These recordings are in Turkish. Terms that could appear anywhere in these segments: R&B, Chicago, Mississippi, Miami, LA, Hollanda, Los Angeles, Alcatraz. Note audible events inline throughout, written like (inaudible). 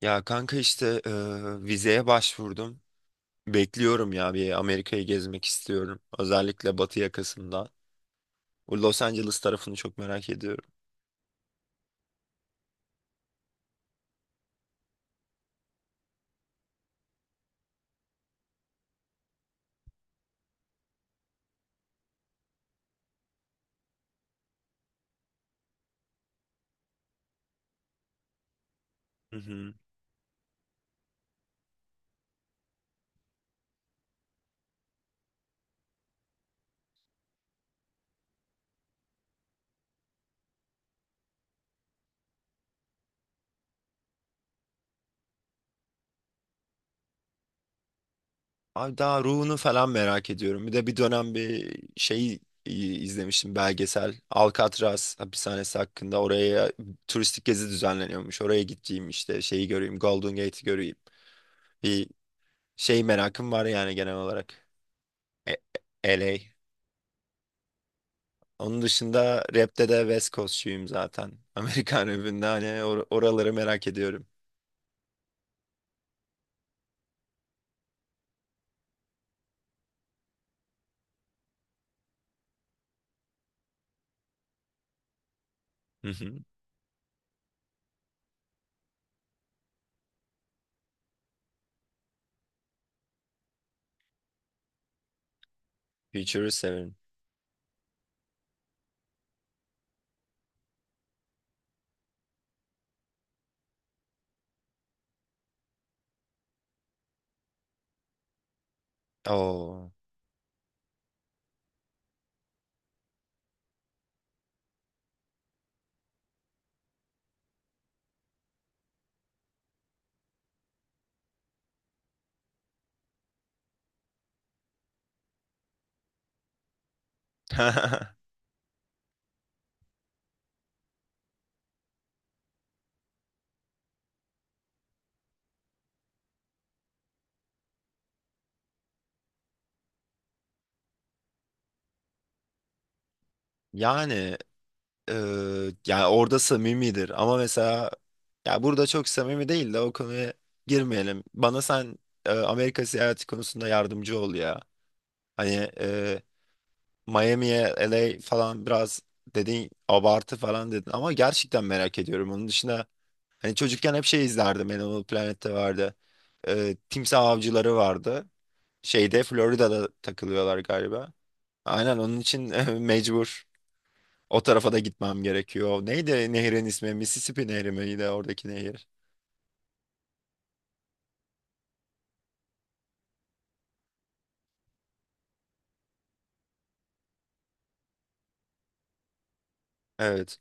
Ya kanka işte vizeye başvurdum. Bekliyorum ya bir Amerika'yı gezmek istiyorum. Özellikle batı yakasında. Bu Los Angeles tarafını çok merak ediyorum. Hı hı. Abi daha ruhunu falan merak ediyorum. Bir de bir dönem bir şey izlemiştim belgesel. Alcatraz hapishanesi hakkında oraya turistik gezi düzenleniyormuş. Oraya gideceğim işte şeyi göreyim. Golden Gate'i göreyim. Bir şey merakım var yani genel olarak. E- LA. Onun dışında rapte de West Coast'çuyum zaten. (laughs) Amerikan rapinde hani oraları merak ediyorum. Hı hı. Future'ı severim. Oo. (laughs) Yani e, yani orada samimidir ama mesela ya burada çok samimi değil de o konuya girmeyelim. Bana sen Amerika seyahati konusunda yardımcı ol ya. Hani Miami'ye LA falan biraz dedin, abartı falan dedin ama gerçekten merak ediyorum. Onun dışında, hani çocukken hep şey izlerdim. Animal Planet'te vardı. Timsah avcıları vardı. Şeyde Florida'da takılıyorlar galiba. Aynen onun için (laughs) mecbur. O tarafa da gitmem gerekiyor. Neydi nehrin ismi? Mississippi Nehri miydi oradaki nehir? Evet.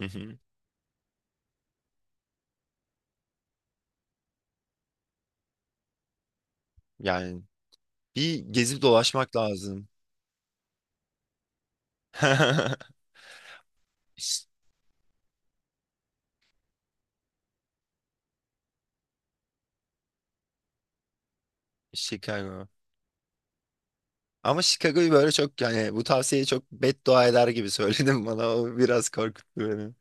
Hı hı. Yani bir gezip dolaşmak lazım. (laughs) Ş- Chicago. Ama Chicago'yu böyle çok yani bu tavsiyeyi çok beddua eder gibi (laughs) söyledim bana. O biraz korkuttu beni.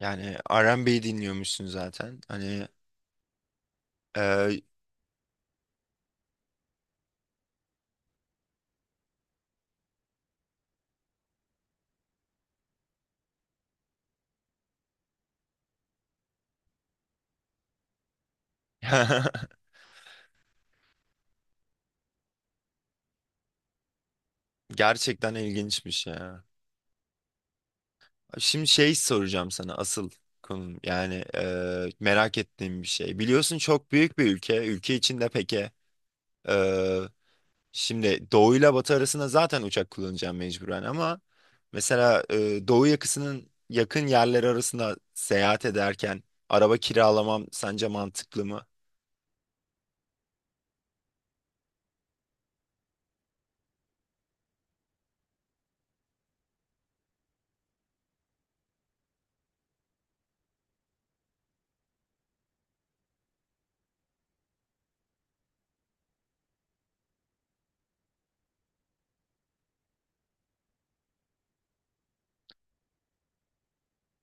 Yani R&B dinliyormuşsun zaten. Hani Ee, (laughs) gerçekten ilginçmiş ya. Şimdi şey soracağım sana, asıl konum yani merak ettiğim bir şey. Biliyorsun çok büyük bir ülke. Ülke içinde peki, e, şimdi doğuyla batı arasında zaten uçak kullanacağım mecburen ama mesela doğu yakasının yakın yerleri arasında seyahat ederken araba kiralamam sence mantıklı mı?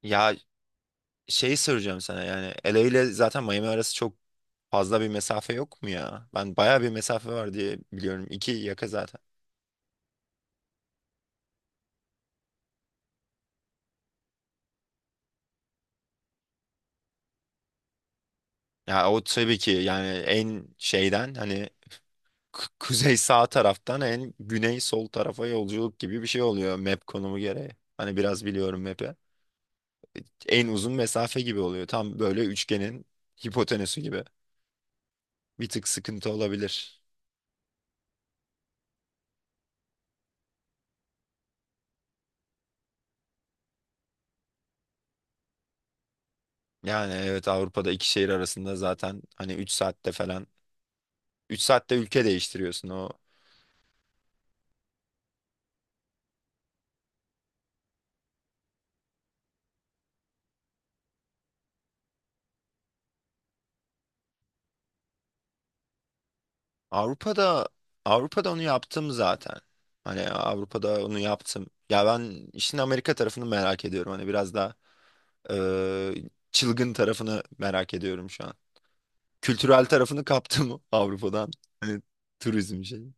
Ya, şeyi soracağım sana, yani LA ile zaten Miami arası çok fazla bir mesafe yok mu ya? Ben bayağı bir mesafe var diye biliyorum. İki yaka zaten. Ya o tabii ki, yani en şeyden hani kuzey sağ taraftan en güney sol tarafa yolculuk gibi bir şey oluyor map konumu gereği. Hani biraz biliyorum map'i. En uzun mesafe gibi oluyor. Tam böyle üçgenin hipotenüsü gibi. Bir tık sıkıntı olabilir. Yani evet, Avrupa'da iki şehir arasında zaten hani 3 saatte falan, 3 saatte ülke değiştiriyorsun o Avrupa'da Avrupa'da onu yaptım zaten. Hani Avrupa'da onu yaptım. Ya ben işin Amerika tarafını merak ediyorum. Hani biraz daha eee, çılgın tarafını merak ediyorum şu an. Kültürel tarafını kaptı mı (laughs) Avrupa'dan? Hani turizm şeyi.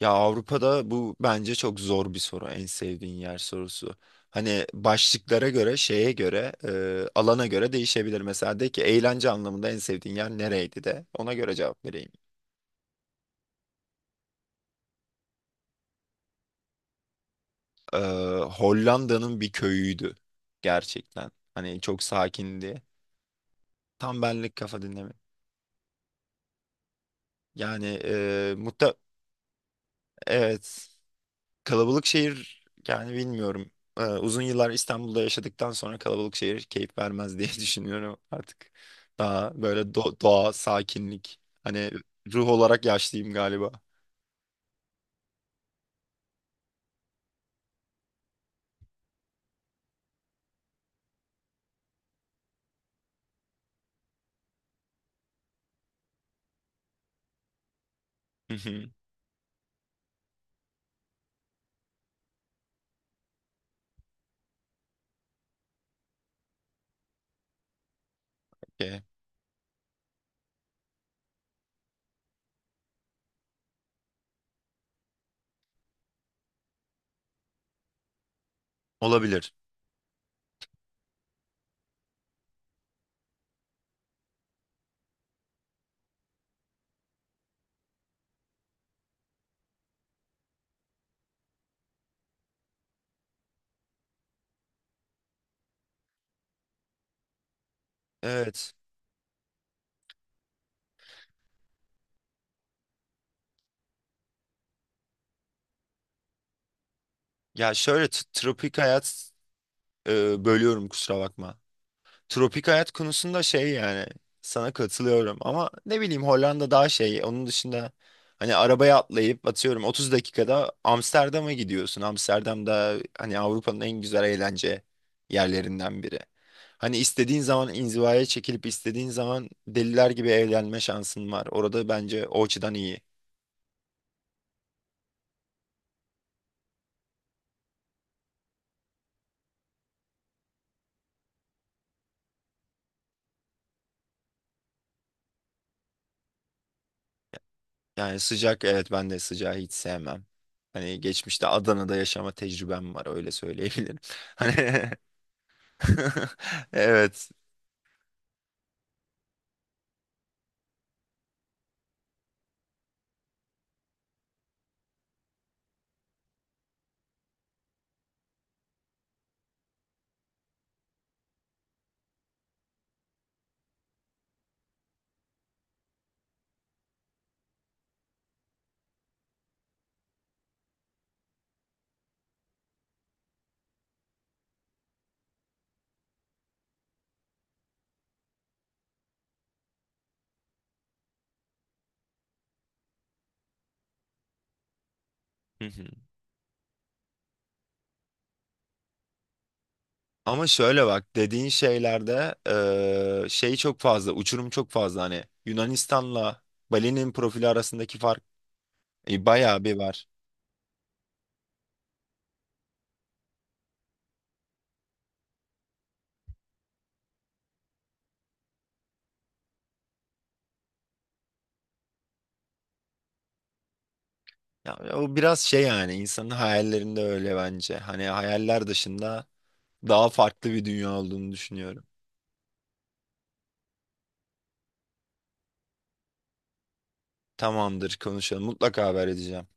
Ya, Avrupa'da bu bence çok zor bir soru. En sevdiğin yer sorusu. Hani başlıklara göre, şeye göre, alana göre değişebilir. Mesela de ki eğlence anlamında en sevdiğin yer nereydi, de ona göre cevap vereyim. e, Hollanda'nın bir köyüydü gerçekten. Hani çok sakindi. Tam benlik, kafa dinleme. Yani e, muhta evet, kalabalık şehir yani bilmiyorum. Uzun yıllar İstanbul'da yaşadıktan sonra kalabalık şehir keyif vermez diye (laughs) düşünüyorum artık. Daha böyle doğa, sakinlik. Hani ruh olarak yaşlıyım galiba. Hı hı. Okey. Olabilir. Evet. Ya şöyle tropik hayat, bölüyorum kusura bakma. Tropik hayat konusunda şey yani sana katılıyorum ama ne bileyim, Hollanda daha şey, onun dışında hani arabaya atlayıp atıyorum 30 dakikada Amsterdam'a gidiyorsun. Amsterdam'da hani Avrupa'nın en güzel eğlence yerlerinden biri. Hani istediğin zaman inzivaya çekilip istediğin zaman deliler gibi eğlenme şansın var. Orada bence o açıdan iyi. Yani sıcak, evet ben de sıcağı hiç sevmem. Hani geçmişte Adana'da yaşama tecrübem var, öyle söyleyebilirim. (laughs) Hani (laughs) evet. Hı hı. Ama şöyle bak, dediğin şeylerde şey çok fazla uçurum, çok fazla hani Yunanistan'la Bali'nin profili arasındaki fark bayağı bir var. Ya, o biraz şey yani insanın hayallerinde öyle, bence. Hani hayaller dışında daha farklı bir dünya olduğunu düşünüyorum. Tamamdır, konuşalım, mutlaka haber edeceğim.